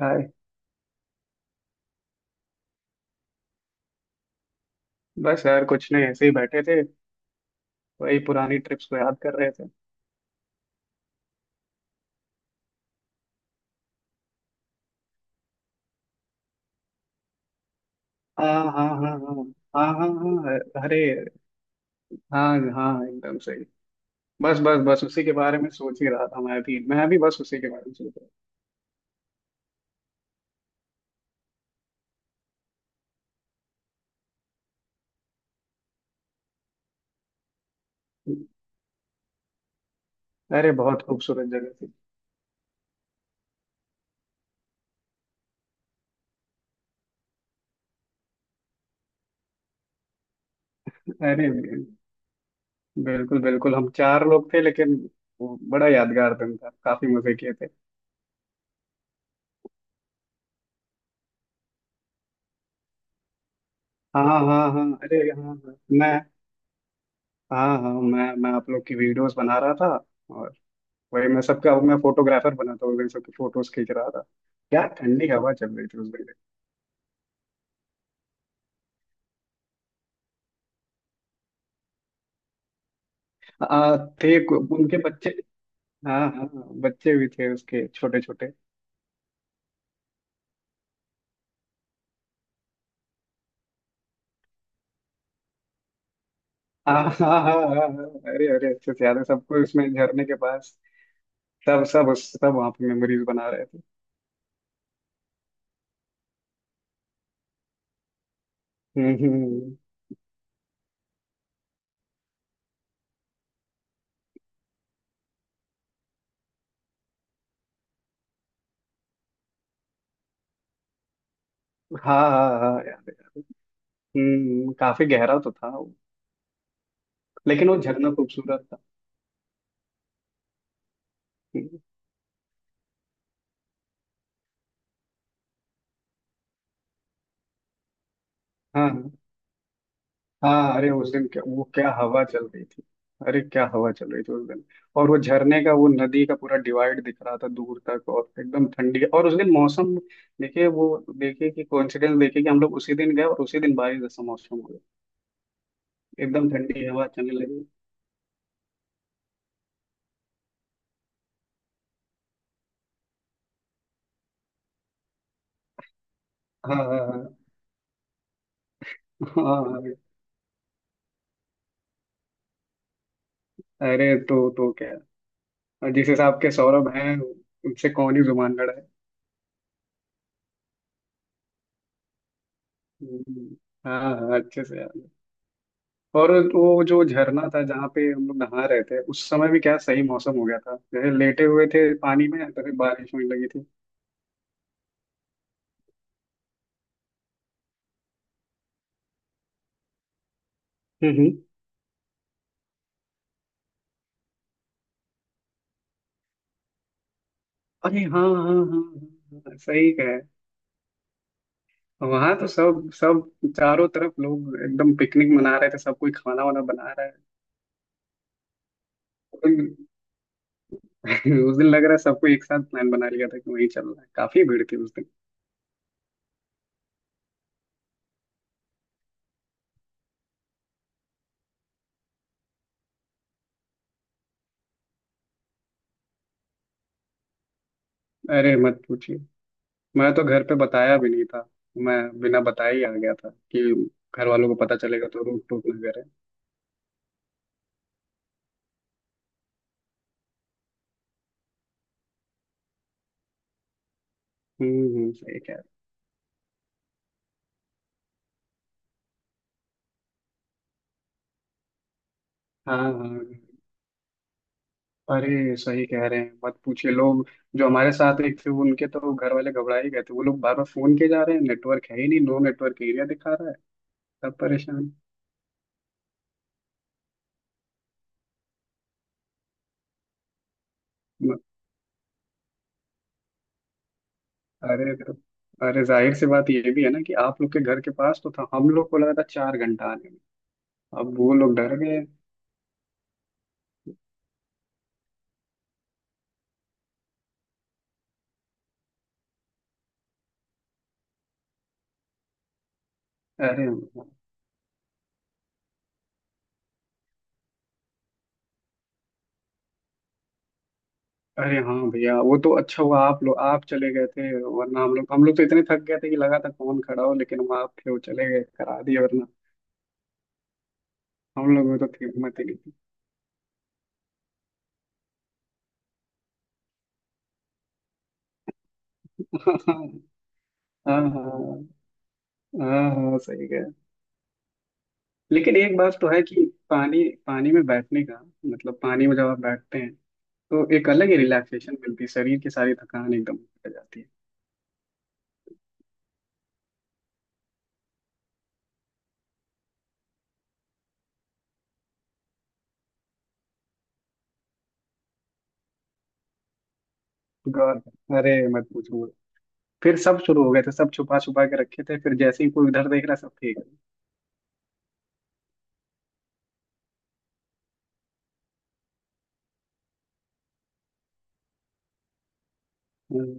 हाय। बस यार कुछ नहीं, ऐसे ही बैठे थे। वही पुरानी ट्रिप्स को याद कर रहे थे। हाँ हाँ हाँ हाँ, हाँ हाँ, हाँ, अरे, हाँ हाँ, एकदम सही। बस बस बस उसी के बारे में सोच ही रहा था, मैं भी बस उसी के बारे में सोच रहा था। अरे बहुत खूबसूरत जगह थी। अरे बिल्कुल बिल्कुल, हम चार लोग थे, लेकिन वो बड़ा यादगार दिन था। काफी मजे किए थे। हाँ हाँ हाँ, अरे हाँ हाँ, मैं हाँ हाँ, मैं आप लोग की वीडियोस बना रहा था। और वही, मैं फोटोग्राफर बना था, वही सबकी फोटोज खींच रहा था। क्या ठंडी हवा चल रही थी उस दिन। आ, उनके बच्चे, हाँ हाँ, बच्चे भी थे उसके छोटे छोटे। हाँ हाँ हाँ हाँ, हाँ, अरे अरे, अच्छे से याद है सबको उसमें झरने के पास सब सब उस सब वहाँ पे मेमोरीज बना रहे थे। हम्म हम्म, हम्म। हाँ हाँ हाँ यार, काफी गहरा तो था वो। लेकिन वो झरना खूबसूरत था। हम्म, हाँ हाँ। हाँ अरे उस दिन, क्या वो, क्या हवा चल रही थी। अरे क्या हवा चल रही थी उस दिन। और वो झरने का, वो नदी का पूरा डिवाइड दिख रहा था दूर तक, और एकदम ठंडी, और उस दिन मौसम, देखिए, वो देखिए कि कोइंसिडेंस देखिए कि हम लोग उसी दिन गए और उसी दिन बारिश जैसा मौसम हो गया, एकदम ठंडी हवा चलने लगी। हाँ हाँ हाँ हाँ, हाँ। अरे, तो क्या। और जिस हिसाब के सौरभ हैं, उनसे कौन ही जुबान लड़ाए। हम्म, हाँ हाँ, अच्छे से याद है। और वो जो झरना था, जहाँ पे हम लोग नहा रहे थे, उस समय भी क्या सही मौसम हो गया था, जैसे लेटे हुए थे पानी में तभी बारिश होने लगी थी। हम्म हम्म। अरे हाँ हाँ हाँ हाँ हाँ, सही कहे। वहां तो सब सब चारों तरफ लोग एकदम पिकनिक मना रहे थे, सब कोई खाना वाना बना रहा है। उन- उस दिन लग रहा है सबको एक साथ प्लान बना लिया था कि वहीं चलना है, काफी भीड़ थी उस दिन। अरे मत पूछिए, मैं तो घर पे बताया भी नहीं था, मैं बिना बताए ही आ गया था कि घर वालों को पता चलेगा तो रूठ टूट ना करे। सही। हाँ हाँ, अरे सही कह रहे हैं, मत पूछिए लोग। जो हमारे साथ एक थे, उनके तो घर वाले घबरा ही गए थे, वो लोग बार बार फोन किए जा रहे हैं, नेटवर्क है ही नहीं, नो नेटवर्क एरिया दिखा रहा है, सब परेशान। म- अरे तो अरे जाहिर सी बात ये भी है ना कि आप लोग के घर के पास तो था, हम लोग को लगा था चार घंटा आने में। अब वो लोग डर गए। अरे। अरे हाँ भैया, वो तो अच्छा हुआ आप लोग आप चले गए थे, वरना हम लोग तो इतने थक गए थे कि लगा था कौन खड़ा हो, लेकिन वो आप थे, वो चले गए करा दिए, वरना हम लोगों में तो थी हिम्मत ही नहीं थी। हाँ हाँ हाँ हाँ सही कह रहे हैं। लेकिन एक बात तो है कि पानी पानी में बैठने का मतलब, पानी में जब आप बैठते हैं तो एक अलग ही रिलैक्सेशन मिलती है, शरीर की सारी थकान एकदम हट जाती है। गौर अरे मत पूछो, मत। फिर सब शुरू हो गए थे, सब छुपा छुपा के रखे थे, फिर जैसे ही कोई उधर देख रहा सब फेंक रहे।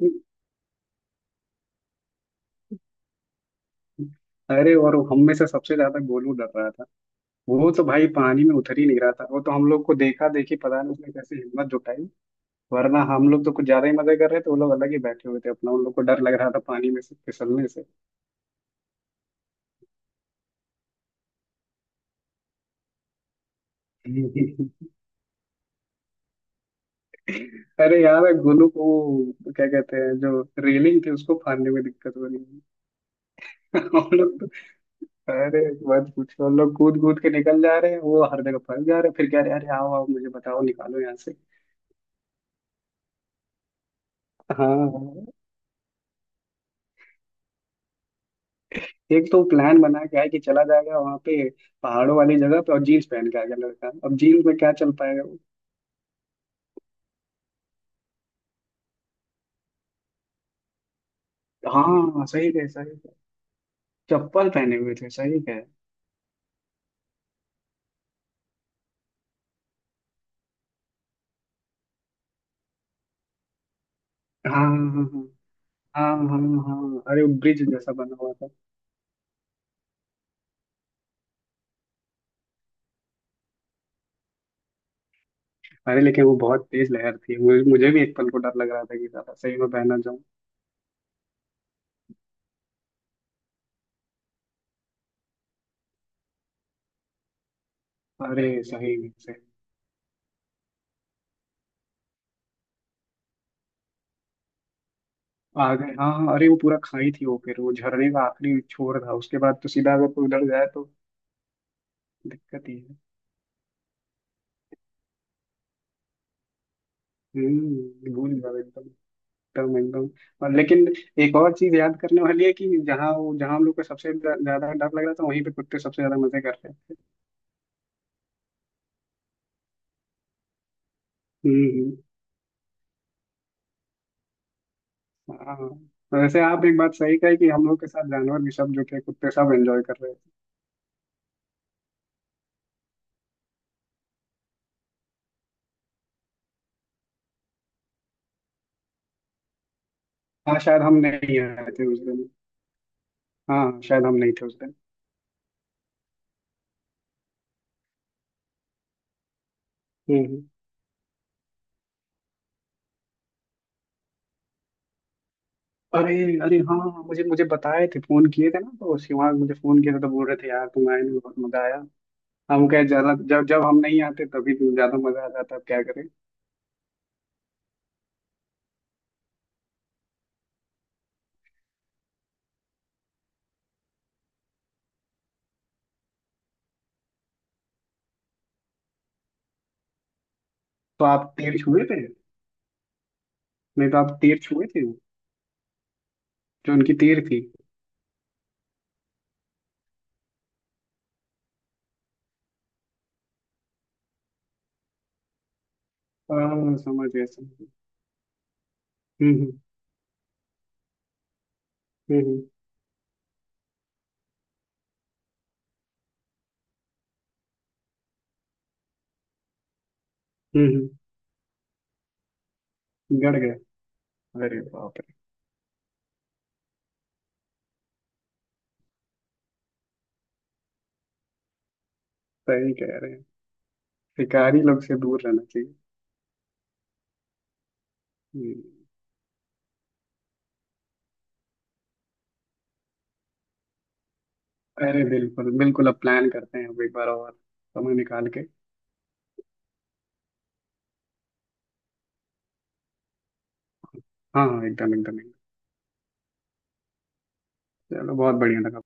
हम्म। अरे, और हम में से सबसे ज्यादा गोलू डर रहा था, वो तो भाई पानी में उतर ही नहीं रहा था, वो तो हम लोग को देखा देखी, पता नहीं उसने कैसे हिम्मत जुटाई, वरना हम लोग तो कुछ ज्यादा ही मजे कर रहे थे, वो लोग अलग ही बैठे हुए थे अपना, उन लोग को डर लग रहा था पानी में से फिसलने से। अरे यार गोलू को वो क्या कहते हैं, जो रेलिंग थी उसको फाड़ने में दिक्कत हो रही है। हम लोग तो अरे मत पूछो, हम लोग कूद कूद के निकल जा रहे हैं, वो हर जगह फंस जा रहे हैं, फिर कह रहे हैं, अरे आओ आओ मुझे बताओ निकालो यहाँ से। हाँ। एक तो प्लान बना के आया कि चला जाएगा वहां पे पहाड़ों वाली जगह पे, और जीन्स पहन के आ गया लड़का, अब जीन्स में क्या चल पाएगा वो। हाँ सही है सही, चप्पल पहने हुए थे, सही है। हाँ हाँ हाँ हाँ हाँ हाँ। अरे वो ब्रिज जैसा बना हुआ था। अरे लेकिन वो बहुत तेज लहर थी, मुझे मुझे भी एक पल को डर लग रहा था कि ज्यादा सही में बह ना जाऊं। अरे सही में से आ गए। हाँ हाँ, अरे वो पूरा खाई थी वो, फिर वो झरने का आखिरी छोर था, उसके बाद तो सीधा अगर कोई उधर जाए तो दिक्कत ही है। हम्म, भूल जाओ एकदम, एकदम एकदम। और लेकिन एक और चीज याद करने वाली है कि जहाँ वो, जहाँ हम लोग को सबसे ज्यादा डर लग रहा था, वहीं पे कुत्ते सबसे ज्यादा मजे कर रहे थे। हम्म हम्म। हाँ वैसे आप एक बात सही कही कि हम लोग के साथ जानवर भी, सब जो थे कुत्ते, सब एंजॉय कर रहे थे। हाँ शायद हम नहीं आए थे उस दिन। हाँ शायद हम नहीं थे उस दिन। हम्म। अरे अरे हाँ, मुझे मुझे बताए थे, फोन किए थे ना, तो शिवांग मुझे फोन किया था, तो बोल रहे थे यार तुम आए नहीं, बहुत मजा आया। हम कहे ज्यादा, जब जब हम नहीं आते तभी तो ज्यादा मजा आ जाता, अब क्या करें। तो आप तीर छुए थे? नहीं तो आप तीर छुए थे जो उनकी तीर थी? हाँ समझ गए समझ गए। हम्म हम्म हम्म हम्म, गड़ गए। अरे बाप रे। सही कह रहे हैं, शिकारी लोग से दूर रहना चाहिए। हम्म। अरे बिल्कुल बिल्कुल, अब प्लान करते हैं अब एक बार और, समय निकाल के। हाँ हाँ एकदम एकदम एकदम। चलो, बहुत बढ़िया लगा।